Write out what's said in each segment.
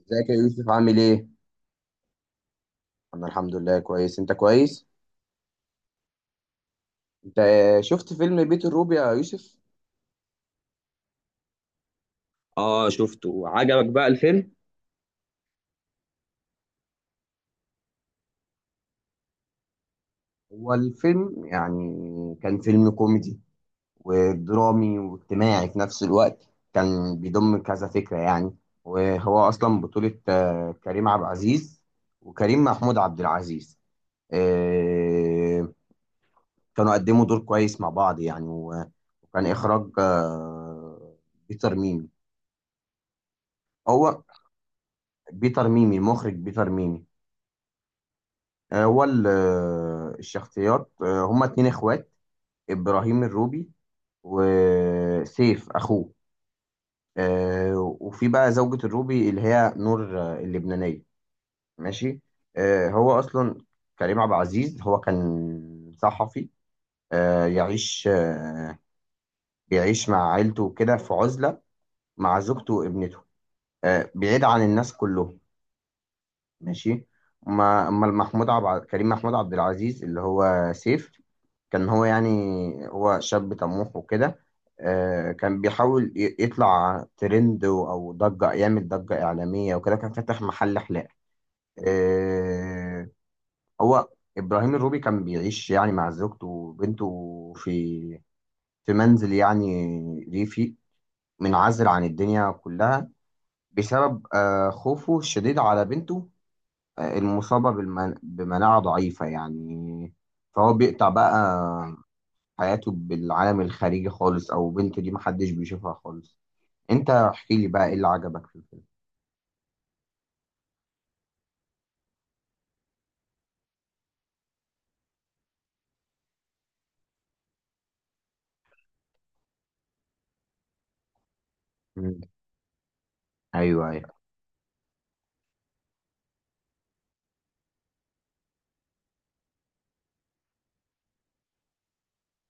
ازيك يا يوسف عامل ايه؟ انا الحمد لله كويس. انت كويس؟ انت شفت فيلم بيت الروبي يا يوسف؟ اه شفته. عجبك بقى الفيلم؟ هو الفيلم يعني كان فيلم كوميدي ودرامي واجتماعي في نفس الوقت، كان بيضم كذا فكرة يعني. وهو اصلا بطولة كريم عبد العزيز وكريم محمود عبد العزيز. آه، كانوا قدموا دور كويس مع بعض يعني وكان اخراج بيتر ميمي. هو بيتر ميمي، المخرج بيتر ميمي. هو الشخصيات هما اتنين اخوات، ابراهيم الروبي وسيف اخوه. وفي بقى زوجة الروبي اللي هي نور، اللبنانية. ماشي. هو اصلا كريم عبد العزيز هو كان صحفي، آه، يعيش آه، بيعيش مع عيلته كده في عزلة، مع زوجته وابنته، بعيد عن الناس كلهم. ماشي. أما كريم محمود عبد العزيز اللي هو سيف، كان هو يعني هو شاب طموح وكده. كان بيحاول يطلع ترند او ضجة، يعمل ضجة إعلامية وكده، كان فاتح محل حلاقة. آه، هو إبراهيم الروبي كان بيعيش يعني مع زوجته وبنته في منزل يعني ريفي، منعزل عن الدنيا كلها بسبب خوفه الشديد على بنته المصابة بمناعة ضعيفة يعني، فهو بيقطع بقى حياته بالعالم الخارجي خالص، أو بنته دي محدش بيشوفها خالص. أنت احكي لي بقى إيه اللي عجبك في الفيلم. مم. أيوه أيوه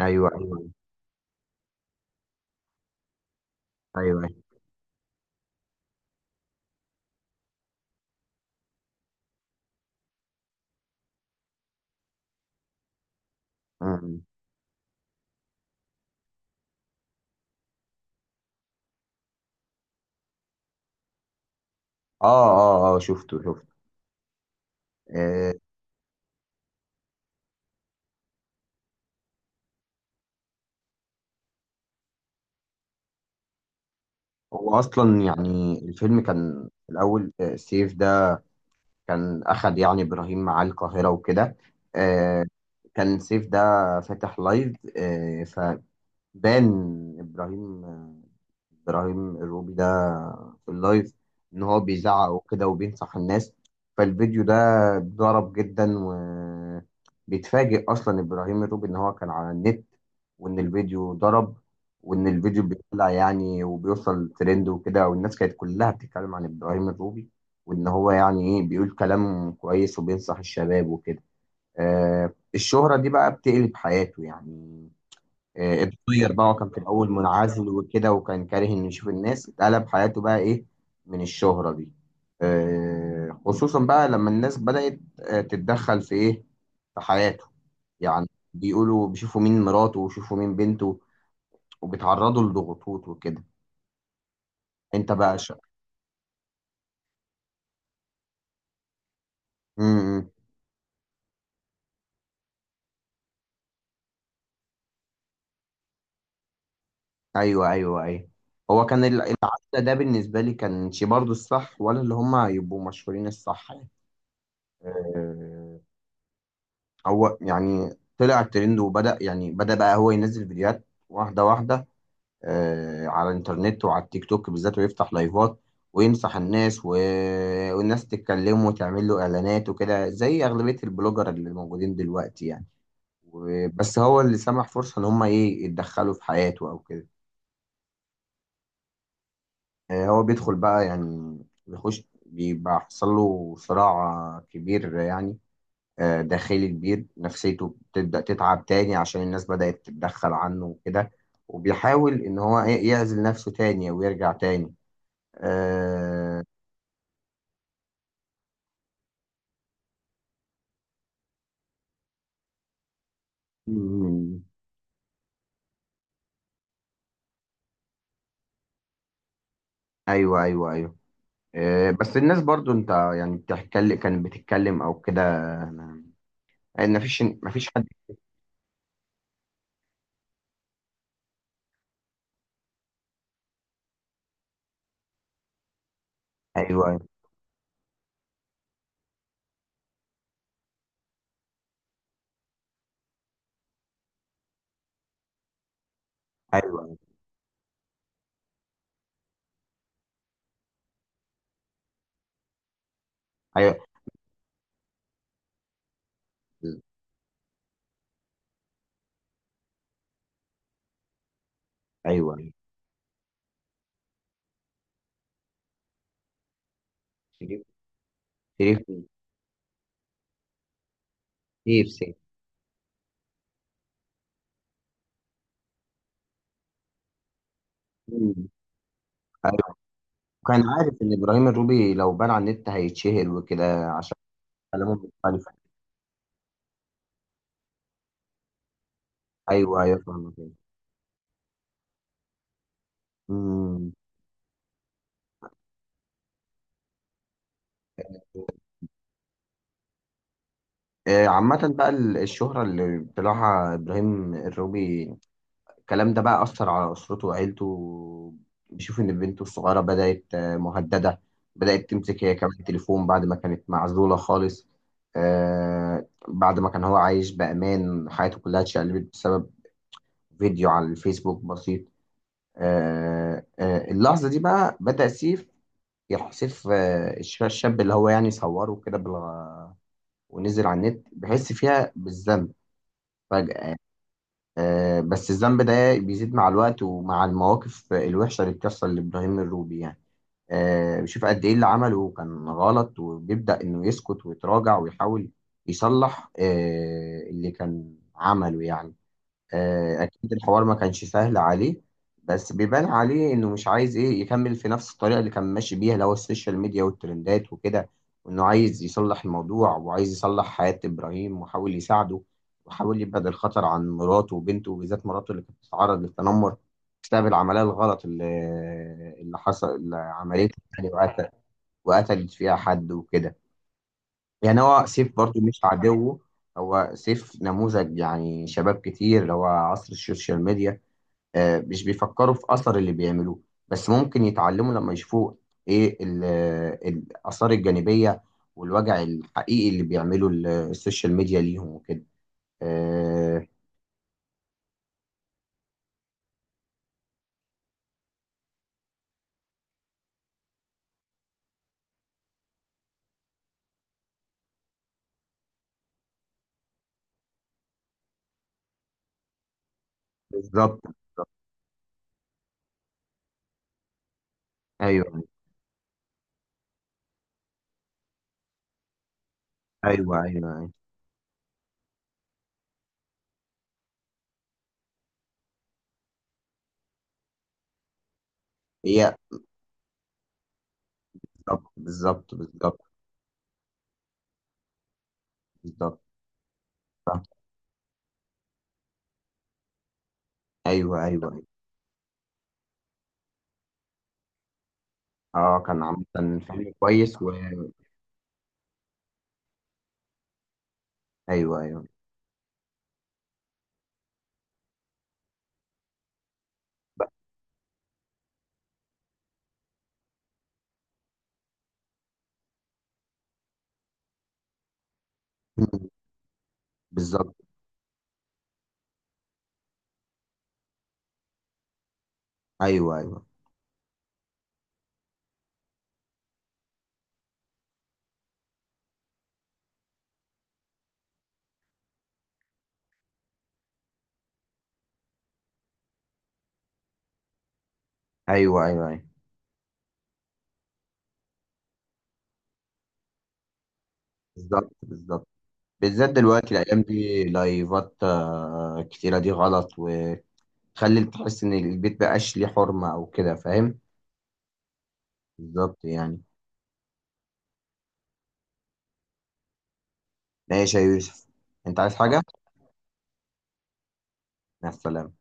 أيوه. أيوه أيوه. مم. آه آه آه، شفته شفته. آه هو أصلا يعني الفيلم كان في الأول، سيف ده كان أخد يعني إبراهيم معاه القاهرة وكده. آه كان سيف ده فاتح لايف، آه ف بان ابراهيم ابراهيم الروبي ده في اللايف ان هو بيزعق وكده، وبينصح الناس. فالفيديو ده ضرب جدا، وبيتفاجئ اصلا ابراهيم الروبي ان هو كان على النت، وان الفيديو ضرب، وان الفيديو بيطلع يعني وبيوصل ترند وكده، والناس كانت كلها بتتكلم عن ابراهيم الروبي، وان هو يعني ايه بيقول كلام كويس وبينصح الشباب وكده. الشهرة دي بقى بتقلب حياته يعني. اتغير بقى، وكان في الأول منعزل وكده، وكان كاره إنه يشوف الناس. اتقلب حياته بقى إيه من الشهرة دي، خصوصا بقى لما الناس بدأت تتدخل في إيه، في حياته يعني. بيقولوا بيشوفوا مين مراته ويشوفوا مين بنته، وبيتعرضوا لضغوطات وكده. أنت بقى امم أيوه أيوه أيوه. هو كان العزل ده بالنسبة لي كانش برضه الصح، ولا اللي هما يبقوا مشهورين الصح يعني. آه، هو يعني طلع الترند وبدأ يعني بدأ بقى هو ينزل فيديوهات واحدة واحدة على الإنترنت وعلى التيك توك بالذات، ويفتح لايفات وينصح الناس. والناس تتكلمه وتعمل له إعلانات وكده، زي أغلبية البلوجر اللي موجودين دلوقتي يعني. بس هو اللي سمح فرصة إن هما إيه يتدخلوا في حياته أو كده. هو بيدخل بقى يعني، بيخش، بيبقى حصل له صراع كبير يعني، داخلي كبير. نفسيته بتبدأ تتعب تاني عشان الناس بدأت تتدخل عنه وكده، وبيحاول إن هو إيه يعزل نفسه تاني ويرجع تاني. آه، مم، أيوه أيوه أيوه. بس الناس برضو أنت يعني كانت بتتكلم أو كده، مفيش حد. أيوه أيوه أيوه أيوه. شريف شريف شريف، سيف. مم. أيوه. كان عارف إن إبراهيم الروبي لو بان على النت هيتشهر وكده، عشان كلامه مختلف. ايوه ايوه فاهمك. امم عامة بقى الشهرة اللي طلعها إبراهيم الروبي، الكلام ده بقى أثر على أسرته وعيلته. بيشوف إن بنته الصغيرة بدأت، مهددة. بدأت تمسك هي كمان تليفون بعد ما كانت معزولة خالص، بعد ما كان هو عايش بأمان. حياته كلها اتشقلبت بسبب فيديو على الفيسبوك بسيط. اللحظة دي بقى بدأ سيف، يروح سيف، الشاب اللي هو يعني صوره كده ونزل على النت بحس فيها بالذنب فجأة يعني. بس الذنب ده بيزيد مع الوقت، ومع المواقف الوحشة اللي بتحصل لإبراهيم الروبي يعني. بشوف قد إيه اللي عمله كان غلط، وبيبدأ إنه يسكت ويتراجع، ويحاول يصلح اللي كان عمله يعني. اكيد الحوار ما كانش سهل عليه. بس بيبان عليه انه مش عايز ايه يكمل في نفس الطريقه اللي كان ماشي بيها، اللي هو السوشيال ميديا والترندات وكده، وانه عايز يصلح الموضوع، وعايز يصلح حياه ابراهيم، وحاول يساعده، وحاول يبعد الخطر عن مراته وبنته، وبالذات مراته اللي كانت بتتعرض للتنمر بسبب العمليه الغلط اللي حصل، اللي عملتها يعني، وقتلت فيها حد وكده. يعني هو سيف برضو مش عدو. هو سيف نموذج يعني شباب كتير، اللي هو عصر السوشيال ميديا، مش بيفكروا في أثر اللي بيعملوه. بس ممكن يتعلموا لما يشوفوا إيه الآثار الجانبية والوجع الحقيقي اللي بيعمله السوشيال ميديا ليهم وكده. آه، بالظبط. أيوه أيوه أيوه أيوه. هي. بالظبط بالظبط بالظبط بالظبط. صح. أيوه أيوه أيوه. أه، كان عامة فيلم كويس أيوه أيوه، ب- بالظبط. ايوه ايوه ايوه ايوه ايوه. بالظبط بالظبط. بالذات دلوقتي الايام دي لايفات، كتيره دي غلط وتخلي تحس ان البيت بقاش ليه حرمه او كده فاهم. بالظبط يعني. ماشي يا يوسف، انت عايز حاجه؟ مع السلامه.